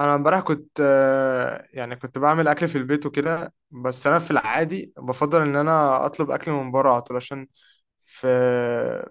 انا امبارح كنت يعني كنت بعمل اكل في البيت وكده. بس انا في العادي بفضل ان انا اطلب اكل من بره على طول، عشان في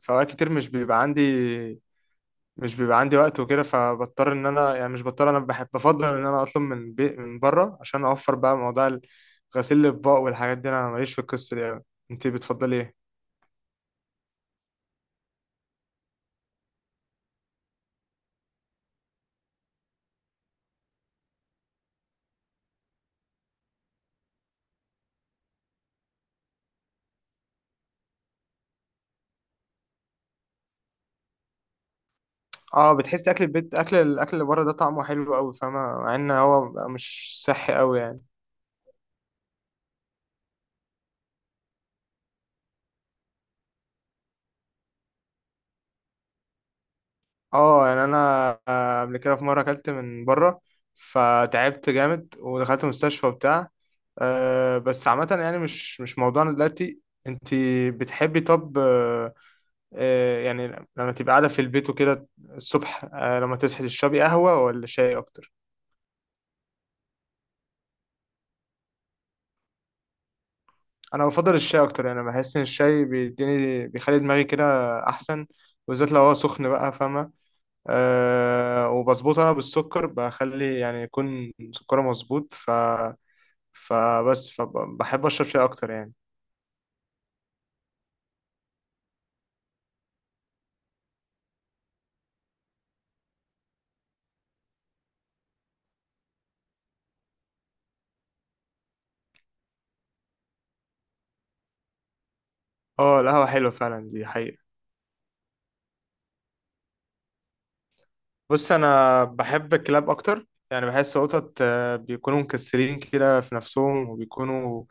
في اوقات كتير مش بيبقى عندي، وقت وكده، فبضطر ان انا، يعني مش بضطر انا بحب بفضل ان انا اطلب من بي من بره عشان اوفر بقى موضوع غسيل الاطباق والحاجات دي. انا ماليش في القصه دي أوي. انتي بتفضلي ايه؟ اه، بتحسي اكل البيت اكل الاكل اللي بره ده طعمه حلو قوي، فاهمه؟ مع ان هو مش صحي قوي يعني. اه، يعني انا قبل كده في مره اكلت من بره فتعبت جامد ودخلت مستشفى وبتاع. أه بس عامه يعني مش موضوعنا دلوقتي. انت بتحبي، طب أه، يعني لما تبقى قاعده في البيت وكده الصبح، أه، لما تصحي تشربي قهوه ولا شاي اكتر؟ انا بفضل الشاي اكتر، يعني بحس ان الشاي بيديني بيخلي دماغي كده احسن، بالذات لو هو سخن بقى، فاهمه؟ أه وبظبطه انا بالسكر، بخلي يعني يكون سكره مظبوط، ف فبس فبحب اشرب شاي اكتر يعني. اه، القهوة حلوة فعلا، دي حقيقة. بص انا بحب الكلاب اكتر، يعني بحس قطط بيكونوا مكسرين كده في نفسهم وبيكونوا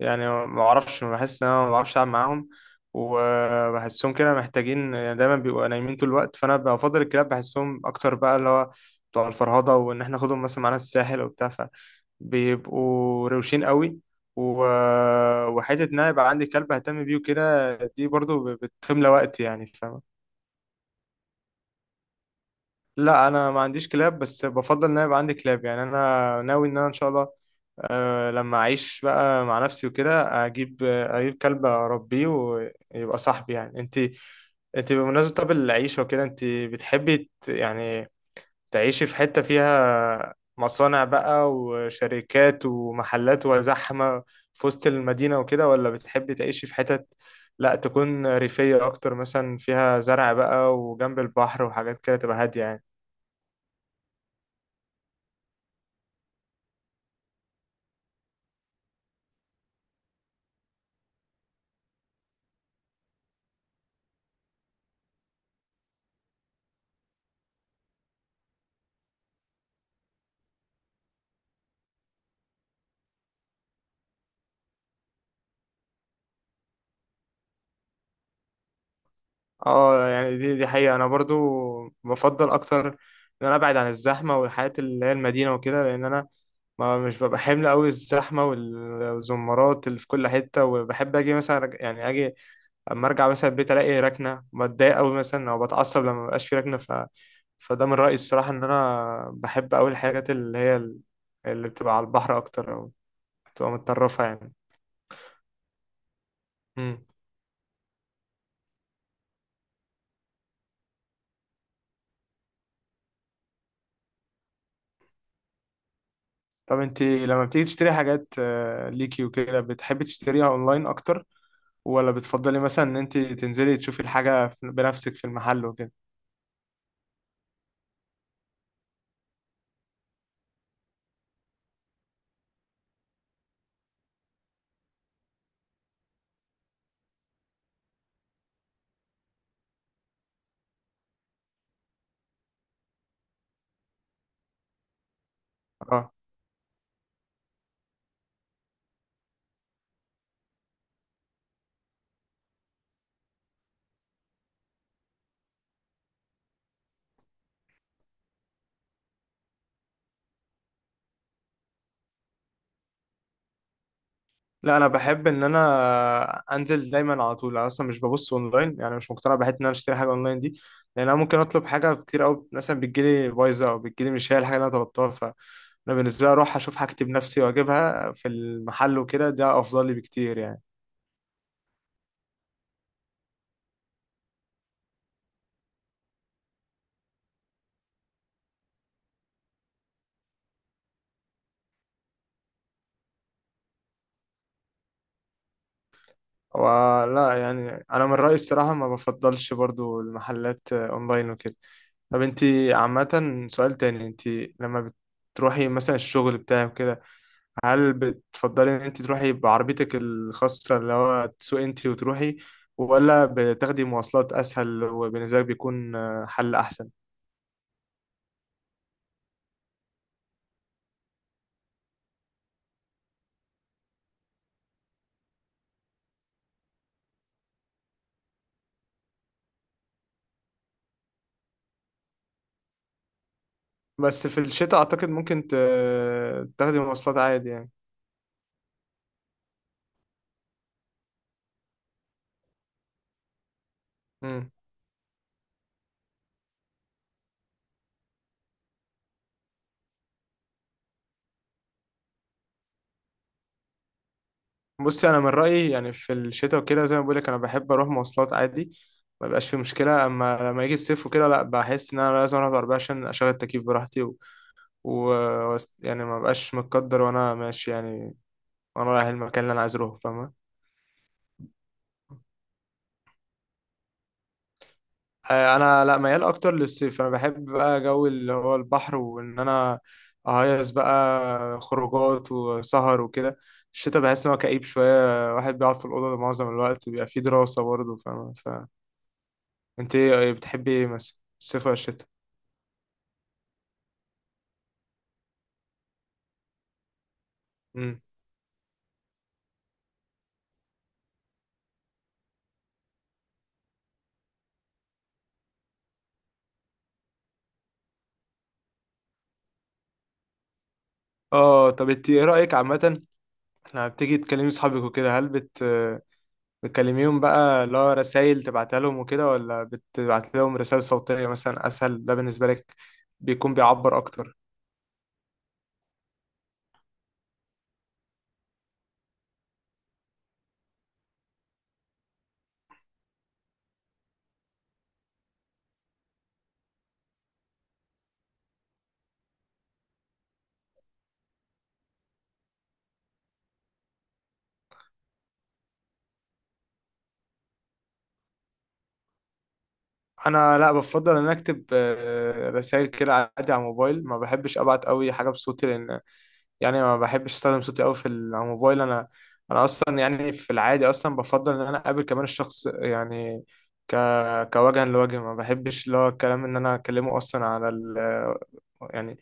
يعني ما اعرفش، ما بحس ان انا ما بعرفش العب معاهم وبحسهم كده محتاجين، يعني دايما بيبقوا نايمين طول الوقت. فانا بفضل الكلاب، بحسهم اكتر بقى، اللي هو بتوع الفرهضه وان احنا ناخدهم مثلا معانا الساحل وبتاع، فبيبقوا روشين قوي. و... وحته ان انا يبقى عندي كلب اهتم بيه وكده دي برضو بتملى وقتي، يعني فاهم؟ لا انا ما عنديش كلاب، بس بفضل ان انا يبقى عندي كلاب، يعني انا ناوي ان انا ان شاء الله أه لما اعيش بقى مع نفسي وكده اجيب كلب اربيه ويبقى صاحبي. يعني انت، انت بمناسبة طب العيشة وكده، انت بتحبي يعني تعيشي في حتة فيها مصانع بقى وشركات ومحلات وزحمة في وسط المدينة وكده، ولا بتحبي تعيشي في حتت لا تكون ريفية اكتر، مثلا فيها زرع بقى وجنب البحر وحاجات كده تبقى هادية يعني؟ اه، يعني دي حقيقة، انا برضو بفضل اكتر ان انا ابعد عن الزحمة والحياة اللي هي المدينة وكده، لان انا ما مش ببقى حمل قوي الزحمة والزمارات اللي في كل حتة، وبحب اجي مثلا يعني اجي اما ارجع مثلا البيت الاقي ركنة، بتضايق قوي مثلا او بتعصب لما مبقاش في ركنة. فده من رأيي الصراحة، ان انا بحب قوي الحاجات اللي هي اللي بتبقى على البحر اكتر او بتبقى متطرفة يعني. مم. طب انت لما بتيجي تشتري حاجات ليكي وكده، بتحبي تشتريها اونلاين اكتر ولا بتفضلي مثلا ان انت تنزلي تشوفي الحاجة بنفسك في المحل وكده؟ اه، لا انا بحب ان انا انزل دايما على طول. انا اصلا مش ببص اونلاين، يعني مش مقتنع بحته ان انا اشتري حاجه اونلاين دي، لان انا ممكن اطلب حاجه كتير قوي مثلا بتجيلي بايظه او بتجيلي مش هي الحاجه اللي انا طلبتها. فانا بالنسبه لي اروح اشوف حاجتي بنفسي واجيبها في المحل وكده، ده افضل لي بكتير يعني. ولا يعني انا من رأيي الصراحة ما بفضلش برضو المحلات اونلاين وكده. طب انت عامة، سؤال تاني، انت لما بتروحي مثلا الشغل بتاعك كده، هل بتفضلي ان انت تروحي بعربيتك الخاصة، اللي هو تسوقي انت وتروحي، ولا بتاخدي مواصلات اسهل وبالنسبة لك بيكون حل احسن؟ بس في الشتاء اعتقد ممكن تاخدي مواصلات عادي يعني. بص انا من رايي يعني في الشتاء وكده زي ما بقولك انا بحب اروح مواصلات عادي، ما بيبقاش في مشكله. اما لما يجي الصيف وكده لا، بحس ان انا لازم اروح بعربيه عشان اشغل التكييف براحتي و... يعني ما بقاش متقدر وانا ماشي يعني، وانا رايح المكان اللي انا عايز اروحه، فاهمه؟ انا لا ميال اكتر للصيف، انا بحب بقى جو اللي هو البحر وان انا اهيص بقى، خروجات وسهر وكده. الشتاء بحس ان هو كئيب شويه، واحد بيقعد في الاوضه معظم الوقت، بيبقى فيه دراسه برضه، فاهمه؟ انت ايه، بتحبي ايه مثلا، الصيف ولا الشتاء؟ امم، اه، طب انت ايه رايك عامه، لما بتيجي تكلمي صحابك وكده هل بتكلميهم بقى اللي هو رسايل تبعتها لهم وكده، ولا بتبعت لهم رسائل صوتيه مثلا اسهل، ده بالنسبه لك بيكون بيعبر اكتر؟ انا لا بفضل ان أنا اكتب رسائل كده عادي على الموبايل، ما بحبش ابعت قوي حاجه بصوتي، لان يعني ما بحبش استخدم صوتي قوي على الموبايل. انا انا اصلا يعني في العادي اصلا بفضل ان انا اقابل كمان الشخص، يعني ك كوجها لوجه، ما بحبش اللي هو الكلام ان انا اكلمه اصلا على ال يعني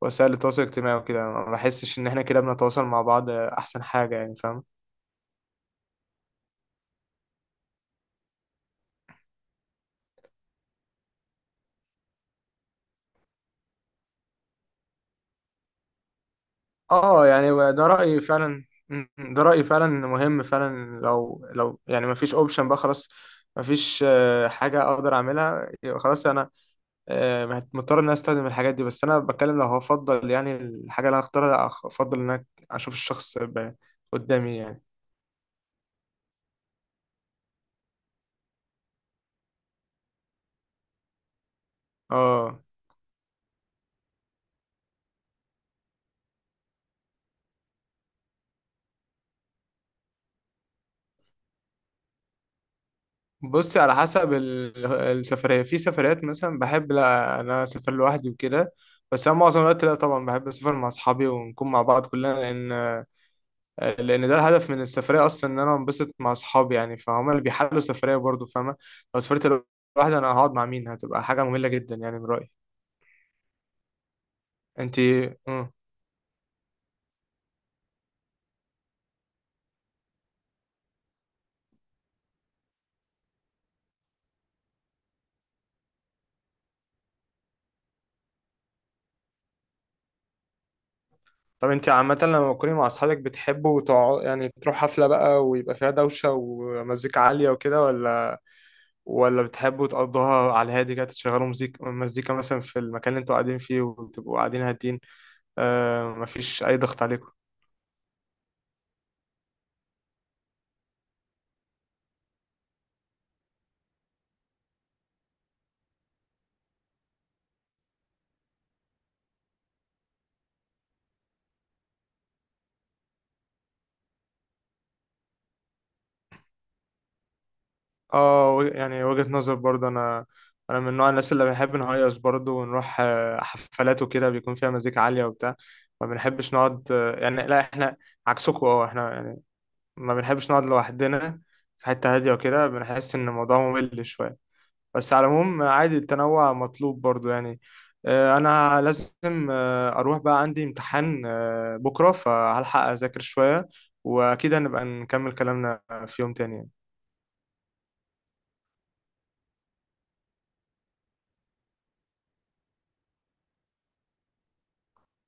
وسائل التواصل الاجتماعي وكده، ما بحسش ان احنا كده بنتواصل مع بعض احسن حاجة، يعني فاهم؟ اه، يعني ده رأيي فعلا، ده رأيي فعلا مهم فعلا. لو يعني ما فيش اوبشن بقى خلاص، ما فيش حاجة اقدر اعملها، يبقى خلاص انا مضطر ان انا استخدم الحاجات دي. بس انا بتكلم لو هفضل يعني الحاجه اللي انا اختارها، افضل ان انا اشوف الشخص قدامي يعني. اه، بصي على حسب السفريه. في سفريات مثلا بحب لا، انا اسافر لوحدي وكده، بس انا معظم الوقت لا طبعا بحب اسافر مع اصحابي ونكون مع بعض كلنا، لان لان ده الهدف من السفريه اصلا، ان انا انبسط مع اصحابي يعني، فهم اللي بيحلوا السفريه برضه، فاهمه؟ لو سافرت لوحدي انا هقعد مع مين؟ هتبقى حاجه ممله جدا يعني، من رايي. انت، طب انت عامة لما تكوني مع اصحابك بتحبوا تقعدوا يعني تروح حفلة بقى ويبقى فيها دوشة ومزيكا عالية وكده، ولا بتحبوا تقضوها على الهادي كده، تشغلوا مزيكا مثلا في المكان اللي انتوا قاعدين فيه وتبقوا قاعدين هادين، آه، مفيش أي ضغط عليكم؟ اه يعني وجهة نظر برضه. أنا، أنا من نوع الناس اللي بنحب نهيص برضه ونروح حفلات وكده بيكون فيها مزيكا عالية وبتاع، ما بنحبش نقعد يعني، لا احنا عكسكم اه، احنا ما بنحبش نقعد لوحدنا في حتة هادية وكده، بنحس إن الموضوع ممل شوية. بس على العموم عادي، التنوع مطلوب برضو يعني. أنا لازم أروح، بقى عندي امتحان بكرة فهلحق أذاكر شوية، وأكيد هنبقى نكمل كلامنا في يوم تاني يعني.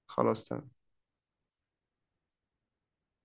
خلاص تمام.